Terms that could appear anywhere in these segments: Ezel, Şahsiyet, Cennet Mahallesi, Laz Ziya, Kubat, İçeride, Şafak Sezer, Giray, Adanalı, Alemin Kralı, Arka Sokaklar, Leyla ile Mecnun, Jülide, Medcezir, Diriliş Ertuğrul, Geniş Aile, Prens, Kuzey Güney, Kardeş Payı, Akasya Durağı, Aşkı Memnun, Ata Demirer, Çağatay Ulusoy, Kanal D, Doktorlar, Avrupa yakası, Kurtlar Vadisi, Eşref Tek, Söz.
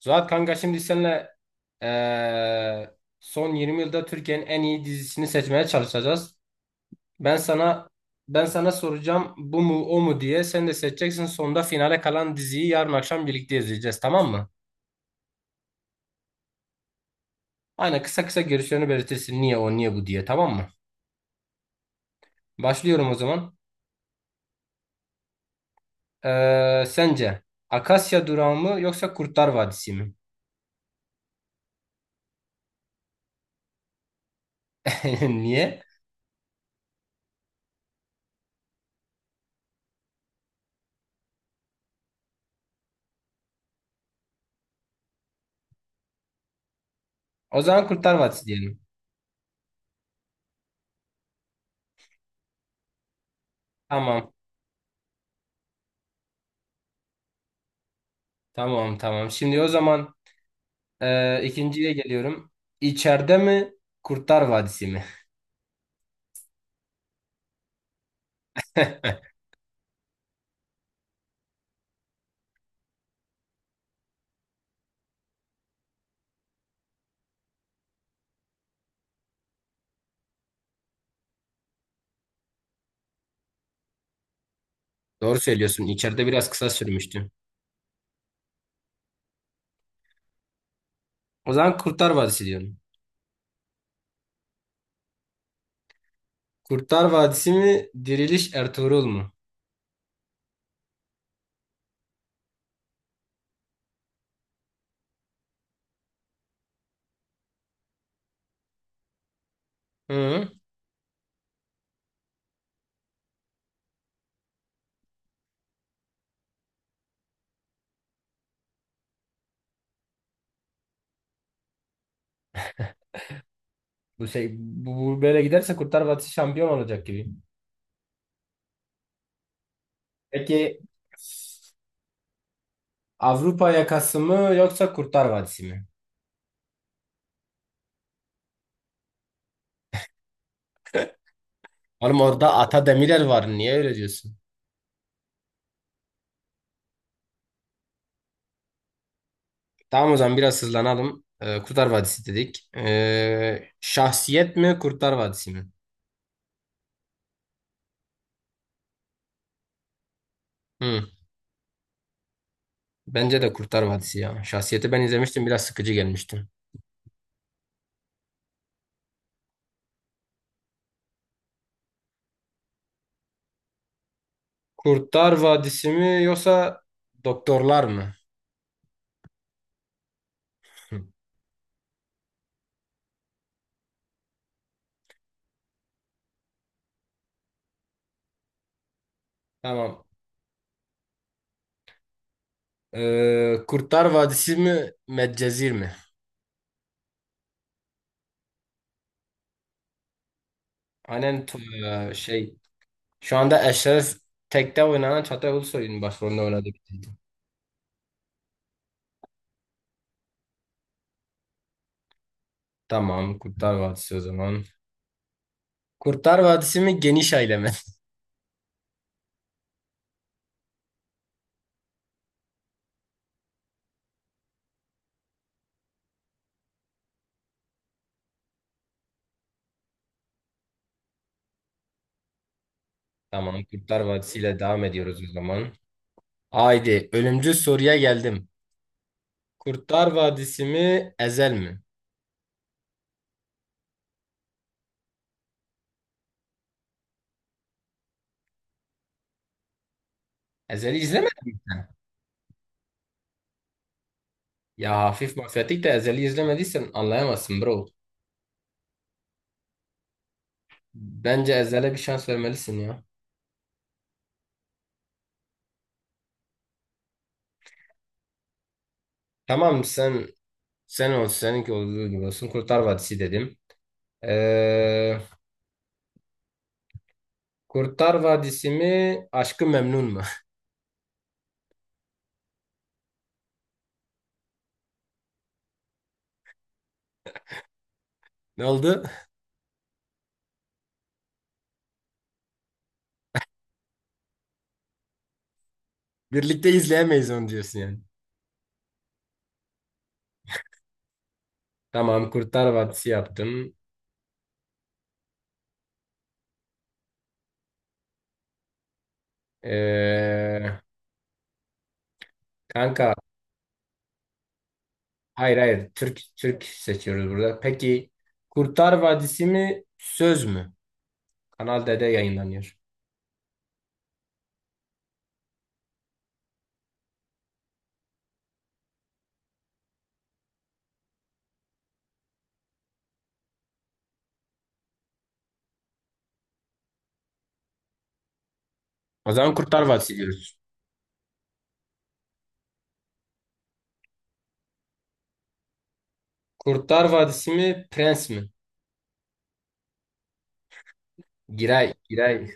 Zuhat kanka şimdi seninle eee, son 20 yılda Türkiye'nin en iyi dizisini seçmeye çalışacağız. Ben sana ben sana soracağım bu mu o mu diye sen de seçeceksin. Sonunda finale kalan diziyi yarın akşam birlikte izleyeceğiz, tamam mı? Aynen, kısa kısa görüşlerini belirtirsin, niye o niye bu diye, tamam mı? Başlıyorum o zaman. Sence Akasya Durağı mı yoksa Kurtlar Vadisi mi? Niye? O zaman Kurtlar Vadisi diyelim. Tamam, tamam, tamam. Şimdi o zaman ikinciye geliyorum. İçeride mi? Kurtlar Vadisi mi? Doğru söylüyorsun. İçeride biraz kısa sürmüştü. O zaman Kurtlar Vadisi diyorum. Kurtlar Vadisi mi? Diriliş Ertuğrul mu? Hı. Bu bu böyle giderse Kurtlar Vadisi şampiyon olacak gibi. Peki Avrupa yakası mı yoksa Kurtlar Vadisi mi? Oğlum, orada Ata Demirer var. Niye öyle diyorsun? Tamam, o zaman biraz hızlanalım. Kurtlar Vadisi dedik. Şahsiyet mi Kurtlar Vadisi mi? Hı. Bence de Kurtlar Vadisi ya. Şahsiyeti ben izlemiştim, biraz sıkıcı gelmiştim. Kurtlar Vadisi mi yoksa Doktorlar mı? Hı. Tamam. Kurtlar Vadisi mi Medcezir mi? Aynen e, şey Şu anda Eşref Tek'te oynanan Çağatay Ulusoy'un başrolünde oynadığı bir dizi. Tamam, Kurtlar Vadisi o zaman. Kurtlar Vadisi mi Geniş Aile mi? Tamam, Kurtlar Vadisi ile devam ediyoruz o zaman. Haydi, ölümcül soruya geldim. Kurtlar Vadisi mi Ezel mi? Ezel'i izlemedin mi sen? Ya hafif mafyatik de Ezel'i izlemediysen anlayamazsın bro. Bence Ezel'e bir şans vermelisin ya. Tamam, sen ol, seninki olduğu gibi olsun. Kurtlar Vadisi dedim. Ee, Kurtlar Vadisi mi Aşkı Memnun mu? Ne oldu? Birlikte izleyemeyiz onu diyorsun yani. Tamam, Kurtlar Vadisi yaptım. Ee, Kanka, hayır hayır, Türk Türk seçiyoruz burada. Peki Kurtlar Vadisi mi Söz mü? Kanal D'de yayınlanıyor. O zaman Kurtlar Vadisi diyoruz. Kurtlar Vadisi mi, Prens mi? Giray, Giray.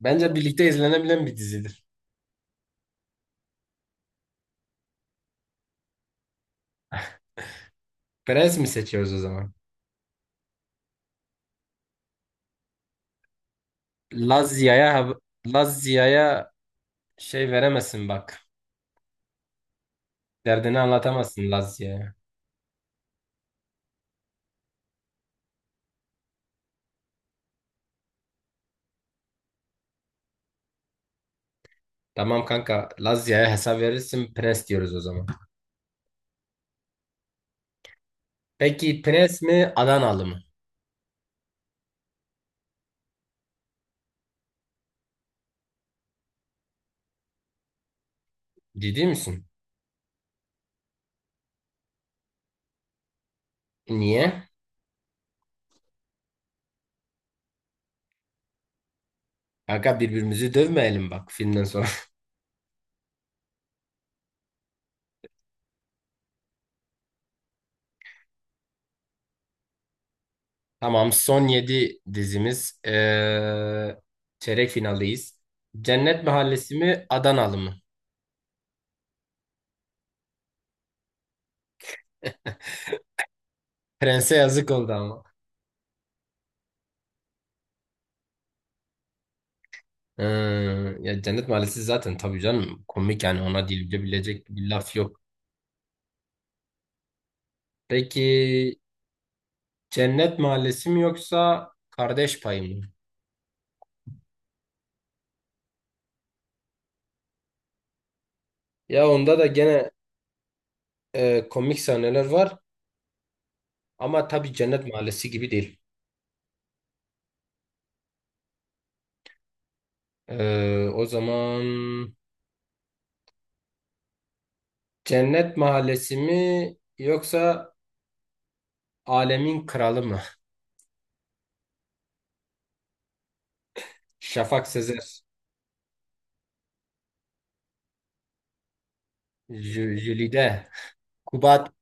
Bence birlikte izlenebilen bir dizidir. Prens mi seçiyoruz o zaman? Laz Ziya'ya hab- Laz Ziya'ya veremezsin bak. Derdini anlatamazsın Laz Ziya'ya. Tamam kanka, Laz Ziya'ya hesap verirsin, Prens diyoruz o zaman. Peki Prens mi, Adanalı mı? Ciddi misin? Niye? Kanka, birbirimizi dövmeyelim bak filmden sonra. Tamam, son 7 dizimiz. Çeyrek finaldeyiz. Cennet Mahallesi mi, Adanalı mı? Prense yazık oldu ama. Ee, ya Cennet Mahallesi zaten tabii canım komik, yani ona dilebilecek bir laf yok. Peki Cennet Mahallesi mi yoksa Kardeş Payı mı? Ya onda da gene komik sahneler var ama tabii Cennet Mahallesi gibi değil. O zaman Cennet Mahallesi mi yoksa Alemin Kralı mı? Şafak Sezer, Jülide, Kubat,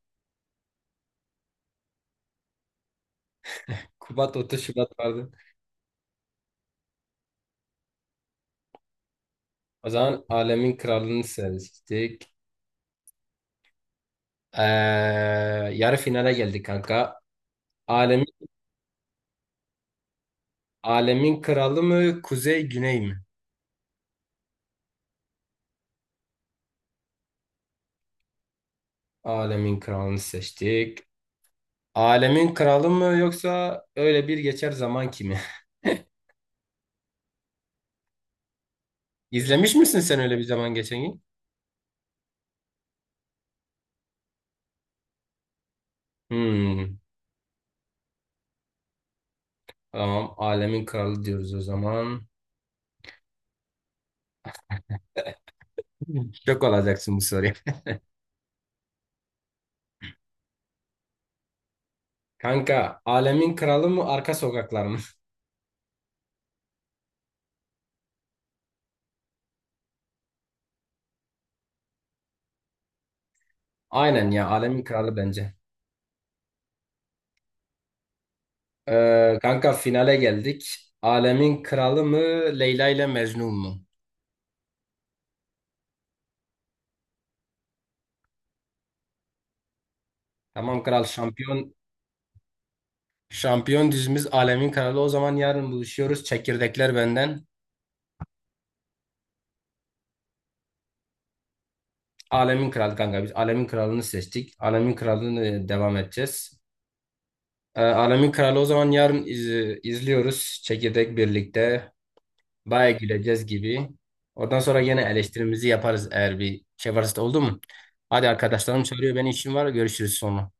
Kubat 30 Şubat vardı. O zaman Alemin Kralını seçtik. Ee, Yarı finale geldik kanka. Alemin, Alemin Kralı mı, Kuzey Güney mi? Alemin Kralını seçtik. Alemin Kralı mı yoksa öyle bir geçer zaman kimi? İzlemiş misin sen öyle bir zaman geçen gün? Hmm, tamam. Alemin Kralı diyoruz o zaman. Şok olacaksın bu soruya. Kanka, Alemin Kralı mı, Arka Sokaklar mı? Aynen ya, Alemin Kralı bence. Kanka, finale geldik. Alemin Kralı mı, Leyla ile Mecnun mu? Tamam kral, şampiyon dizimiz Alemin Kralı. O zaman yarın buluşuyoruz. Çekirdekler benden. Alemin Kralı kanka, biz Alemin Kralı'nı seçtik. Alemin Kralı'nı devam edeceğiz. Alemin Kralı, o zaman yarın izliyoruz. Çekirdek birlikte. Baya güleceğiz gibi. Oradan sonra yine eleştirimizi yaparız eğer bir şey varsa da, oldu mu? Hadi, arkadaşlarım çağırıyor. Benim işim var. Görüşürüz sonra.